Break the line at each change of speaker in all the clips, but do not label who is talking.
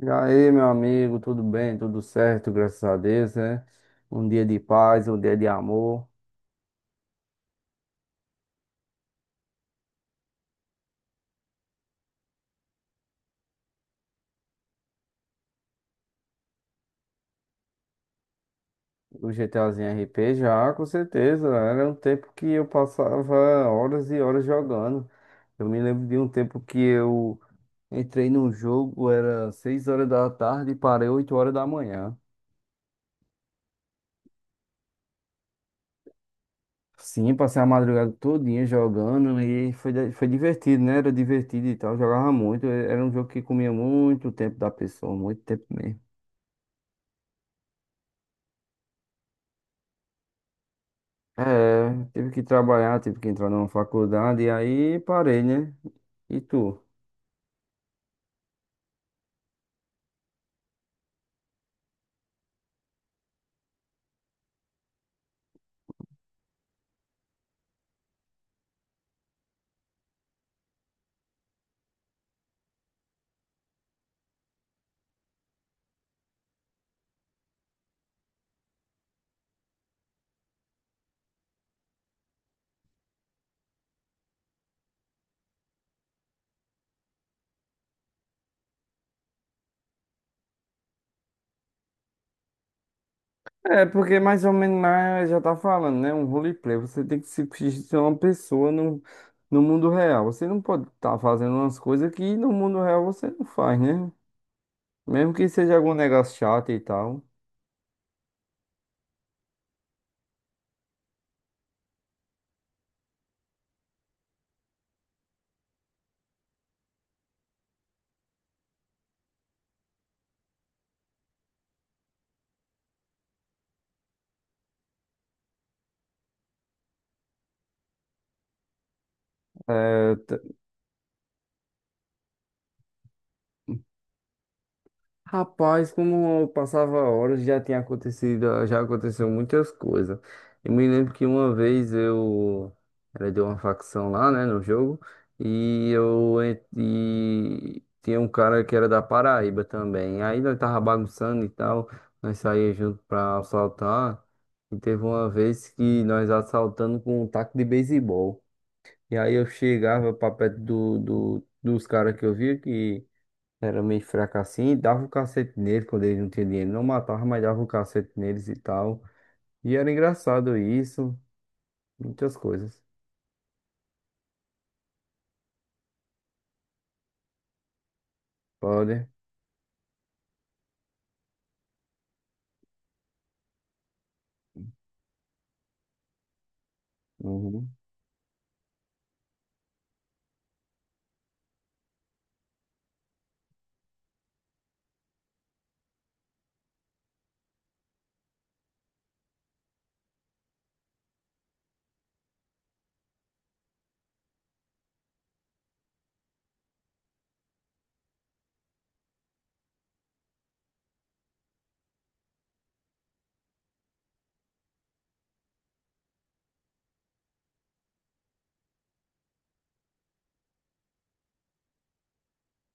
E aí, meu amigo, tudo bem? Tudo certo, graças a Deus, né? Um dia de paz, um dia de amor. O GTAzinho RP já, com certeza. Era um tempo que eu passava horas e horas jogando. Eu me lembro de um tempo que eu entrei num jogo, era 6 horas da tarde e parei 8 horas da manhã. Sim, passei a madrugada todinha jogando e foi divertido, né? Era divertido e tal, jogava muito. Era um jogo que comia muito tempo da pessoa, muito tempo mesmo. É, tive que trabalhar, tive que entrar numa faculdade e aí parei, né? E tu? É, porque mais ou menos lá já tá falando, né? Um roleplay. Você tem que se ser uma pessoa no mundo real. Você não pode estar fazendo umas coisas que no mundo real você não faz, né? Mesmo que seja algum negócio chato e tal. Rapaz, como eu passava horas, já tinha acontecido, já aconteceu muitas coisas. Eu me lembro que uma vez eu era de uma facção lá, né, no jogo, e tinha um cara que era da Paraíba também. Aí nós tava bagunçando e tal, nós saía junto pra assaltar. E teve uma vez que nós assaltando com um taco de beisebol. E aí eu chegava pra perto dos caras que eu via que era meio fraco assim, e dava o cacete nele quando ele não tinha dinheiro. Não matava, mas dava o cacete neles e tal. E era engraçado isso, muitas coisas. Pode. Uhum.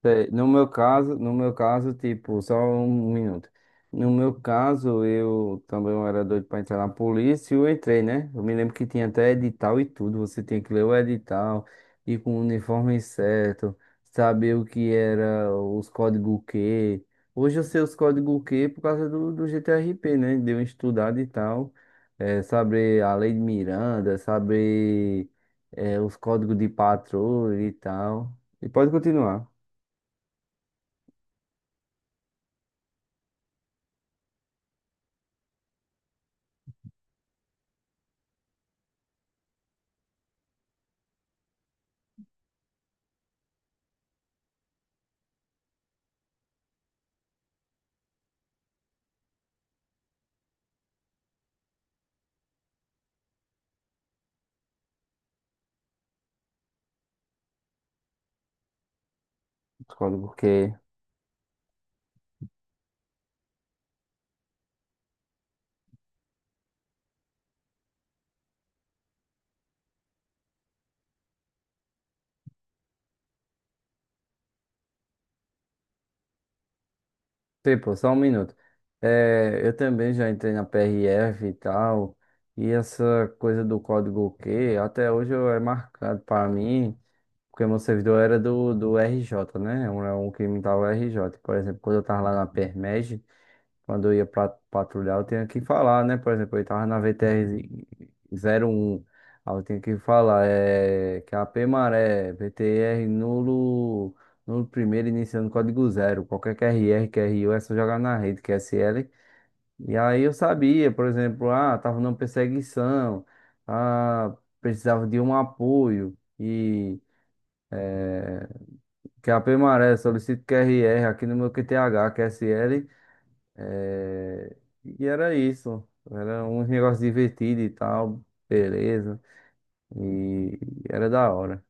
Sei. No meu caso, tipo, só um minuto. No meu caso, eu também era doido pra entrar na polícia e eu entrei, né? Eu me lembro que tinha até edital e tudo. Você tinha que ler o edital, ir com o uniforme certo, saber o que era os códigos Q. Hoje eu sei os códigos Q por causa do GTRP, né? Deu uma estudada e tal. É, saber a lei de Miranda, saber, é, os códigos de patrulha e tal. E pode continuar. Concordo, porque, tipo, só um minuto. É, eu também já entrei na PRF e tal, e essa coisa do código Q até hoje é marcado para mim, porque meu servidor era do RJ, né? É um que imitava o RJ. Por exemplo, quando eu tava lá na PERMEG, quando eu ia pra, patrulhar, eu tinha que falar, né? Por exemplo, eu tava na VTR-01. Aí eu tinha que falar é, que é a P Maré, VTR nulo, nulo primeiro, iniciando código zero. Qualquer QRR, QRU é só jogar na rede, QSL. E aí eu sabia, por exemplo, ah, tava numa perseguição, ah, precisava de um apoio. E eh, que a P Maré solicito QRR aqui no meu QTH, QSL. É. E era isso. Era uns negócios divertidos e tal, beleza. E era da hora.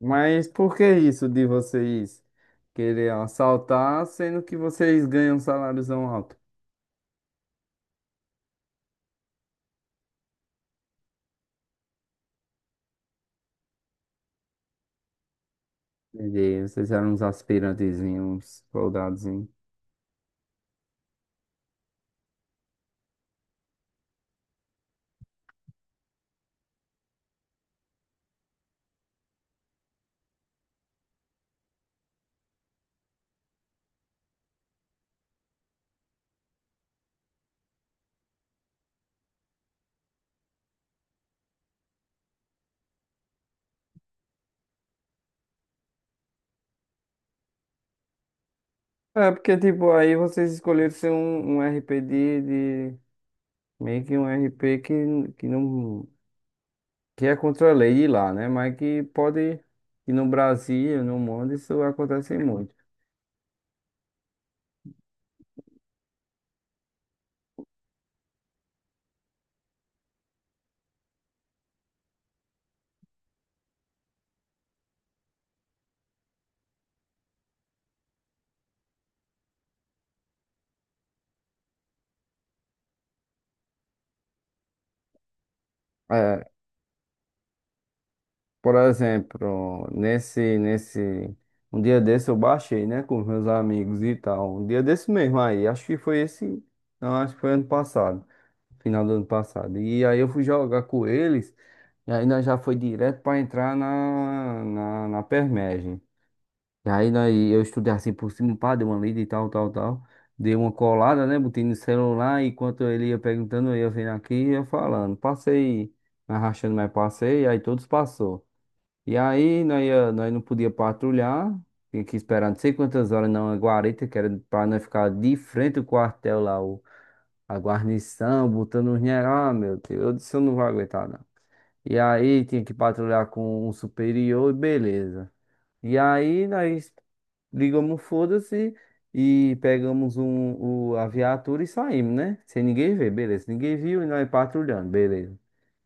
Mas por que isso de vocês querer assaltar, sendo que vocês ganham um saláriozão alto? Entendi. Vocês eram uns aspirantezinhos, uns soldadozinhos. É, porque, tipo, aí vocês escolheram ser um RP meio que um RP que não. Que é contra a lei de lá, né? Mas que pode, e no Brasil, no mundo, isso acontece muito. É, por exemplo, nesse, um dia desse eu baixei, né, com meus amigos e tal. Um dia desse mesmo aí, acho que foi esse, não, acho que foi ano passado, final do ano passado. E aí eu fui jogar com eles, e aí nós já foi direto para entrar na permagem. E aí nós, eu estudei assim por cima, pá, dei uma lida e tal, tal, tal. Dei uma colada, né? Botei no celular, enquanto ele ia perguntando, eu ia vendo aqui e ia falando. Passei, arrastando, mas passei, aí todos passou. E aí nós, ia, nós não podia patrulhar, tinha que esperar não sei quantas horas na guarita, que era pra nós ficar de frente ao quartel lá, o, a guarnição, botando os general, ah, meu Deus, eu disse, eu não vou aguentar, não. E aí tinha que patrulhar com um superior e beleza. E aí nós ligamos o foda-se e pegamos a viatura e saímos, né? Sem ninguém ver, beleza. Ninguém viu e nós patrulhando, beleza.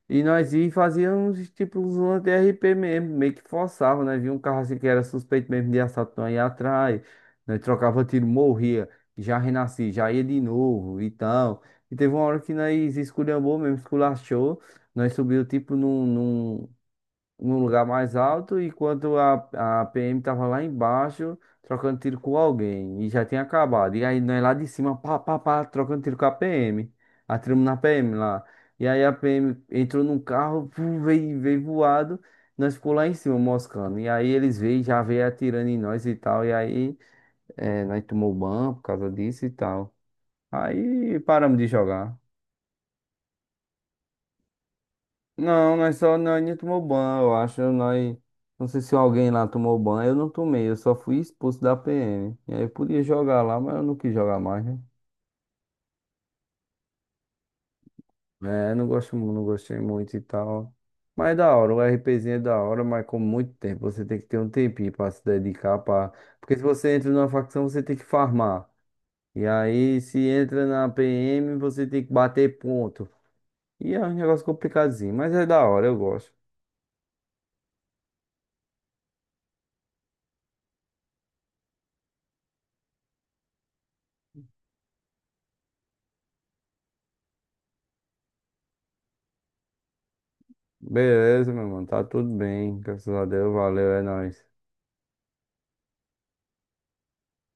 E nós ia e fazíamos tipo uns lances de RP mesmo, meio que forçava, né? Via um carro assim que era suspeito mesmo de assalto, nós ia atrás, nós trocava tiro, morria, já renasci, já ia de novo e tal. E teve uma hora que nós esculhambou mesmo, esculachou, nós subiu tipo num lugar mais alto, enquanto a PM tava lá embaixo trocando tiro com alguém e já tinha acabado. E aí nós lá de cima, pá, pá, pá, trocando tiro com a PM. Atiramos na PM lá. E aí a PM entrou num carro, pum, veio voado. Nós ficou lá em cima moscando. E aí eles veio, já veio atirando em nós e tal. E aí nós tomou ban por causa disso e tal. Aí paramos de jogar. Não, nós só, nós nem tomou banho, eu acho. Nós, não sei se alguém lá tomou banho, eu não tomei, eu só fui expulso da PM. E aí eu podia jogar lá, mas eu não quis jogar mais, né? É, não gosto, não gostei muito e tal. Mas é da hora, o RPzinho é da hora, mas com muito tempo. Você tem que ter um tempinho pra se dedicar pra... Porque se você entra numa facção, você tem que farmar. E aí, se entra na PM, você tem que bater ponto. E é um negócio complicadinho, mas é da hora, eu gosto. Beleza, meu mano. Tá tudo bem. Graças a Deus. Valeu, é nóis.